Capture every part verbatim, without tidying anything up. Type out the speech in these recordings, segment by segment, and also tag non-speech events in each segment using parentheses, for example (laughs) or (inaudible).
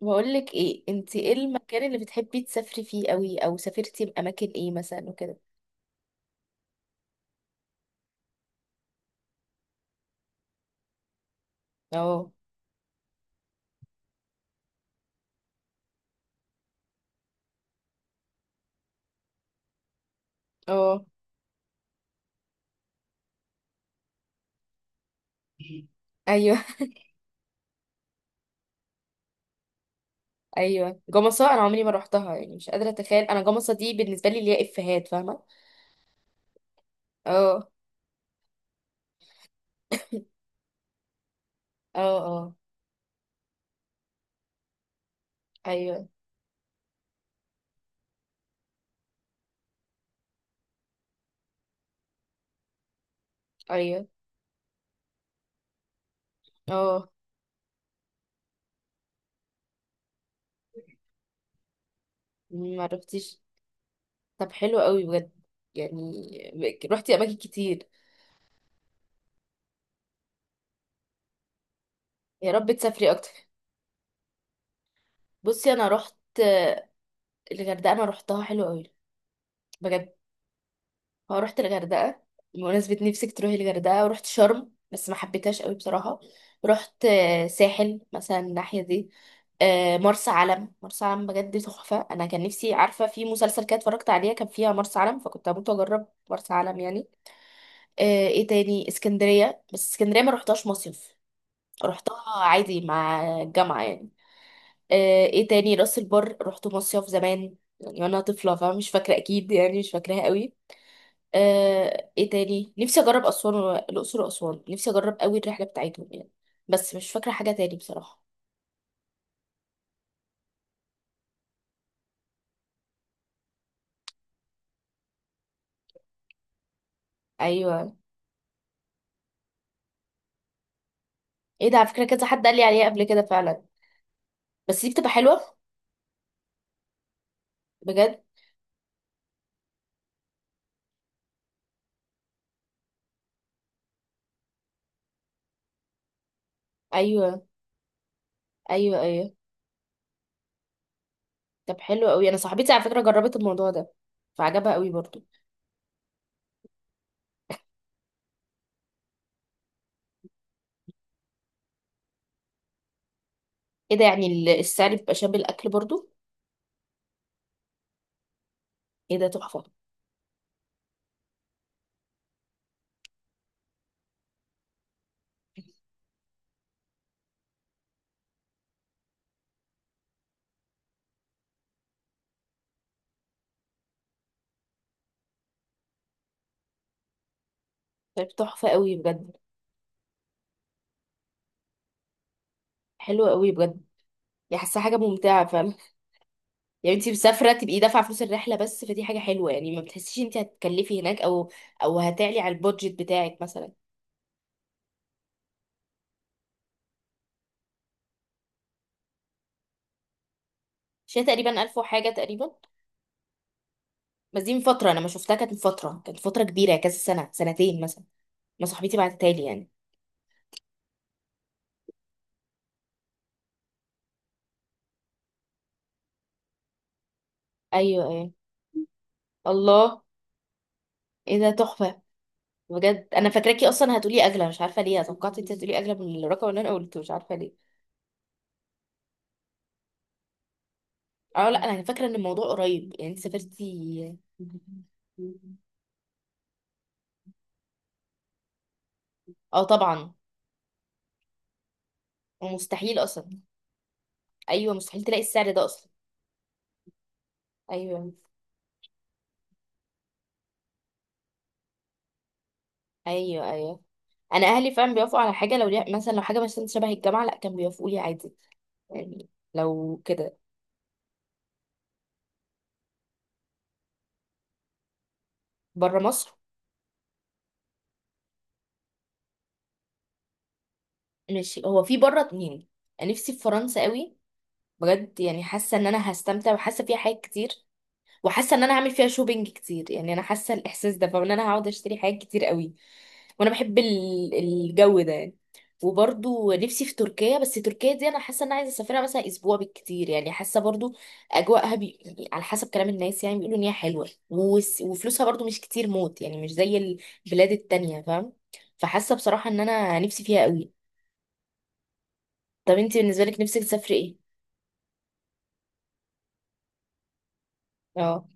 بقول لك ايه؟ انت ايه المكان اللي بتحبي تسافري فيه قوي، او سافرتي باماكن ايه مثلا وكده؟ اه. اه. ايوه. (laughs) ايوه، جمصة انا عمري ما روحتها، يعني مش قادره اتخيل انا جمصة دي بالنسبه لي اللي هي افيهات، فاهمه. اه، اه، اه، ايوه، ايوه، اه. ما روحتيش. طب حلو قوي بجد، يعني روحتي اماكن كتير. يا رب تسافري اكتر. بصي انا روحت الغردقه، انا روحتها حلو قوي بجد. اه رحت الغردقة بمناسبة نفسك تروحي الغردقة، ورحت شرم بس ما حبيتهاش قوي بصراحة. رحت آه، ساحل مثلا، الناحية دي. آه، مرسى علم. مرسى علم بجد تحفة. أنا كان نفسي، عارفة في مسلسل كده اتفرجت عليها كان فيها مرسى علم، فكنت هموت وأجرب مرسى علم يعني. آه، ايه تاني؟ اسكندرية، بس اسكندرية ما رحتهاش مصيف، رحتها عادي مع الجامعة يعني. آه، ايه تاني؟ راس البر رحت مصيف زمان، يعني وانا طفلة، فمش فاكرة اكيد يعني، مش فاكراها قوي. آه، ايه تاني؟ نفسي اجرب اسوان و- الاقصر واسوان، نفسي اجرب قوي الرحله بتاعتهم يعني، بس مش فاكره حاجه تاني بصراحه. ايوه. ايه ده، على فكره كذا حد قال لي عليها قبل كده فعلا. بس دي بتبقى حلوه بجد. ايوه. ايوه. ايوه. طب حلو قوي، انا صاحبتي على فكره جربت الموضوع ده فعجبها قوي برضو. ايه ده، يعني ال- السعر بيبقى شامل الاكل برضو؟ ايه ده تحفه. طيب تحفه قوي بجد. حلوه قوي بجد، يعني حاسه حاجه ممتعه فعلا. يعني انت مسافره تبقي دافعه فلوس الرحله بس، فدي حاجه حلوه يعني، ما بتحسيش انت هتكلفي هناك، او او هتعلي على البودجت بتاعك مثلا. شيء تقريبا ألف وحاجه تقريبا، بس دي من فتره، انا ما شفتها، كانت من فتره، كانت فتره كبيره، كذا سنه سنتين مثلا، ما صاحبتي بعتتها لي يعني. ايوه، ايوه. الله. ايه ده تحفه. بجد انا فاكراكي اصلا هتقولي اغلى، مش عارفه ليه توقعت انت هتقولي اغلى من الرقم اللي انا قلته، مش عارفه ليه. اه لا انا فاكره ان الموضوع قريب يعني، انت سافرتي (laughs) اه طبعا. ومستحيل اصلا. ايوه مستحيل تلاقي السعر ده اصلا. ايوه، ايوه. ايوه، انا اهلي فعلا بيوافقوا على حاجه لو ليها مثلا، لو حاجه مثلا شبه الجامعه، لا كانوا بيوافقوا لي عادي يعني، لو كده. بره مصر. ماشي، هو في بره اتنين. أنا نفسي في فرنسا قوي، بجد يعني حاسه ان انا هستمتع، وحاسه فيها حاجات كتير، وحاسه ان انا هعمل فيها شوبينج كتير يعني، انا حاسه الاحساس ده فان انا هقعد اشتري حاجات كتير قوي. وانا بحب ال- الجو ده يعني. وبرضو نفسي في تركيا، بس تركيا دي انا حاسه ان انا عايزه اسافرها مثلا اسبوع بالكتير يعني، حاسه برضو اجواءها بي... على حسب كلام الناس يعني، بيقولوا ان هي حلوه وس... وفلوسها برضو مش كتير موت، يعني مش زي البلاد التانية فاهم، فحاسه بصراحه ان انا نفسي فيها قوي. طب انت بالنسبه لك نفسك تسافري ايه؟ اه.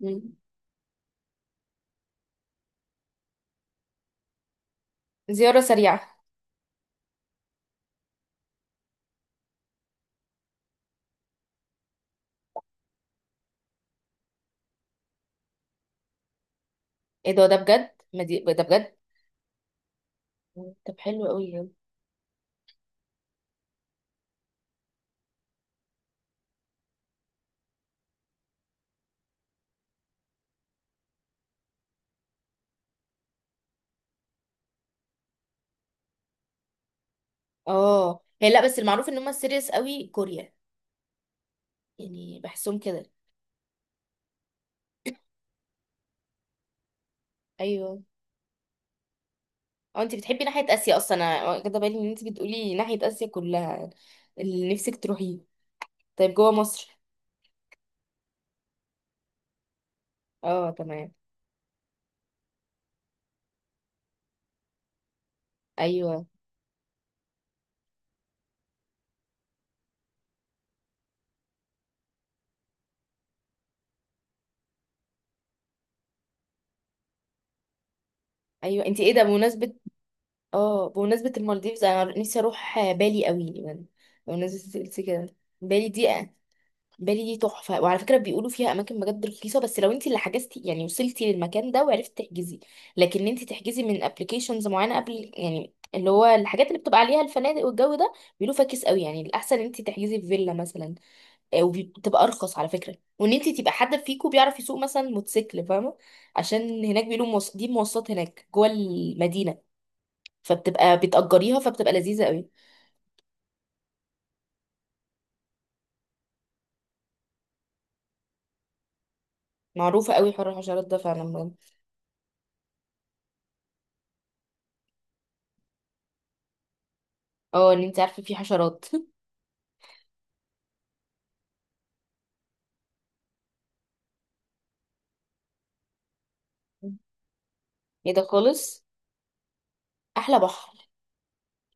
مم. زياره سريعه. ايه ده، ده بجد ما دي... ده بجد. مم. طب حلو قوي. اه، هي لا، بس المعروف ان هم سيريس قوي، كوريا يعني بحسهم كده. ايوه. اه، انت بتحبي ناحية اسيا اصلا، انا واخدة بالي ان انت بتقولي ناحية اسيا كلها. اللي نفسك تروحيه. طيب جوه مصر. اه تمام. ايوه، ايوه. انت ايه ده، بمناسبة، اه بمناسبة المالديفز انا نفسي اروح بالي قوي يعني. بمناسبة قلت كده. بالي دي، بالي دي تحفة، وعلى فكرة بيقولوا فيها اماكن بجد رخيصة، بس لو انت اللي حجزتي يعني، وصلتي للمكان ده وعرفتي تحجزي. لكن انت تحجزي من ابلكيشنز معينة قبل، يعني اللي هو الحاجات اللي بتبقى عليها الفنادق والجو ده، بيقولوا فاكس قوي، يعني الاحسن انت تحجزي في فيلا مثلا. آه، وبتبقى ارخص على فكره، وان انت تبقى حد فيكو بيعرف يسوق مثلا موتوسيكل، فاهمه، عشان هناك بيقولوا موص... دي مواصلات هناك جوه المدينه، فبتبقى بتأجريها، فبتبقى لذيذه قوي. معروفه قوي حوار الحشرات ده فعلا بجد. اه ان انت عارفه في حشرات (laughs) ايه ده خالص، احلى بحر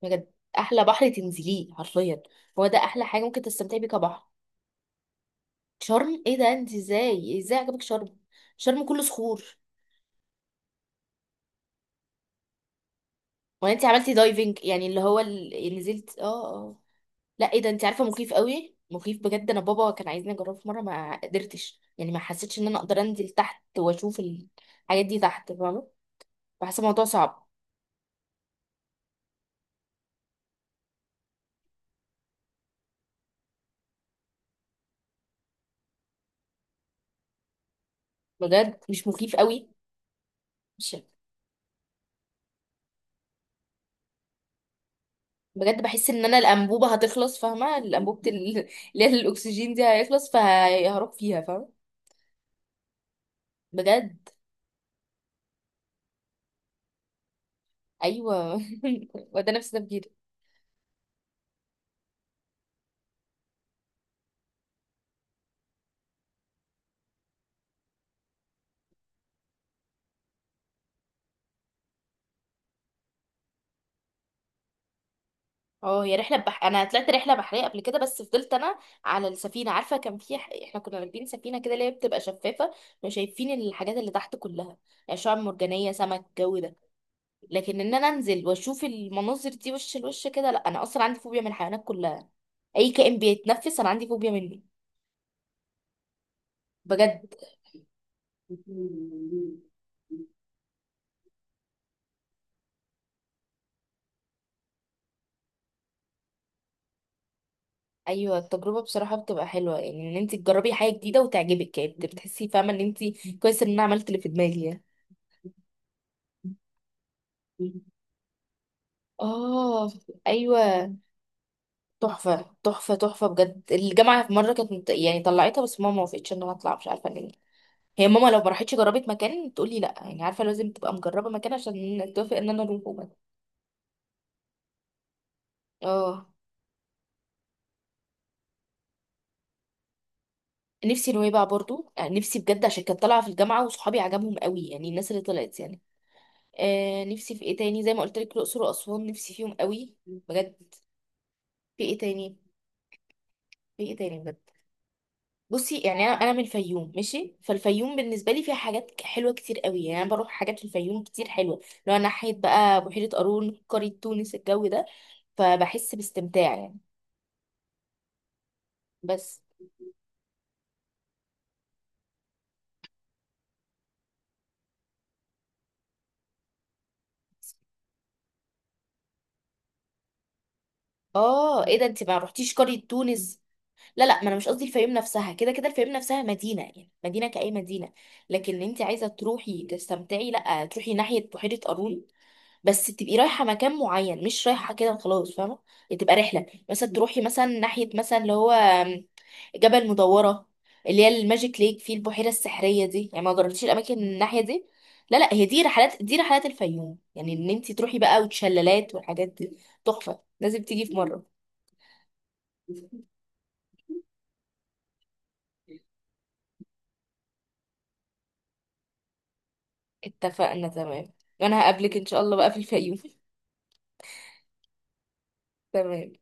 بجد. احلى بحر تنزليه حرفيا، هو ده احلى حاجه ممكن تستمتعي بيها كبحر. شرم؟ ايه ده، انت ازاي ازاي عجبك شرم؟ شرم كله صخور. وانت عملتي دايفنج، يعني اللي هو ال- نزلت، اه. اه، لا، ايه ده، انت عارفه مخيف قوي، مخيف بجد، انا بابا كان عايزني اجربه في مره ما قدرتش، يعني ما حسيتش ان انا اقدر انزل تحت واشوف الحاجات دي تحت فاهمه، بحس الموضوع صعب. بجد مش مخيف قوي؟ مش بجد، بحس ان انا الانبوبه هتخلص، فاهمه الانبوبه ال- (laughs) اللي هي الاكسجين دي هيخلص، فهروح فيها، فاهمه. بجد. ايوه (laughs) وده نفس تفكيري. اه هي رحله بح... انا طلعت رحله بحريه قبل كده، بس فضلت انا على السفينه، عارفه كان في ح... احنا كنا راكبين سفينه كده اللي هي بتبقى شفافه، مش شايفين الحاجات اللي تحت كلها، يعني شعاب مرجانيه، سمك، الجو ده. لكن ان انا انزل واشوف المناظر دي وش لوش كده، لا، انا اصلا عندي فوبيا من الحيوانات كلها، اي كائن بيتنفس انا عندي فوبيا منه، بجد. ايوه التجربه بصراحه بتبقى حلوه، يعني ان انت تجربي حاجه جديده وتعجبك، يعني بتحسي فاهمه ان انت كويس ان انا عملت اللي في دماغي يعني. اه. ايوه. تحفه تحفه تحفه بجد، الجامعه في مره كانت يعني طلعتها، بس ماما ما وافقتش ان انا اطلع، مش عارفه ليه. هي ماما لو ما راحتش جربت مكان تقولي لا، يعني عارفه لازم تبقى مجربه مكان عشان توافق ان انا اروح، وبس. اه نفسي نويبع برضو، آه، نفسي بجد عشان كانت طالعه في الجامعه وصحابي عجبهم قوي، يعني الناس اللي طلعت يعني. آه نفسي في ايه تاني، زي ما قلت لك الاقصر واسوان نفسي فيهم قوي بجد. في ايه تاني؟ في ايه تاني بجد؟ بصي يعني، انا انا من الفيوم ماشي، فالفيوم بالنسبه لي فيها حاجات ك- حلوه كتير قوي، يعني انا بروح حاجات في الفيوم كتير حلوه. لو انا ناحيه بقى بحيره قارون، قريه تونس، الجو ده فبحس باستمتاع يعني. بس، اه ايه ده، انت ما رحتيش قريه تونس؟ لا لا، ما انا مش قصدي الفيوم نفسها، كده كده الفيوم نفسها مدينه يعني، مدينه كأي مدينه. لكن انت عايزه تروحي تستمتعي، لا تروحي ناحيه بحيره قارون، بس تبقي رايحه مكان معين، مش رايحه كده خلاص، فاهمه يعني، تبقى رحله مثلا، تروحي مثلا ناحيه مثلا، اللي هو جبل مدوره، اللي هي الماجيك ليك، في البحيره السحريه دي. يعني ما جربتيش الاماكن الناحيه دي؟ لا لا، هي دي رحلات، دي رحلات الفيوم، يعني ان انت تروحي بقى، وتشلالات والحاجات دي. تحفه، لازم تيجي في مره. اتفقنا، تمام. وانا هقابلك ان شاء الله بقى في الفيوم (laughs) تمام.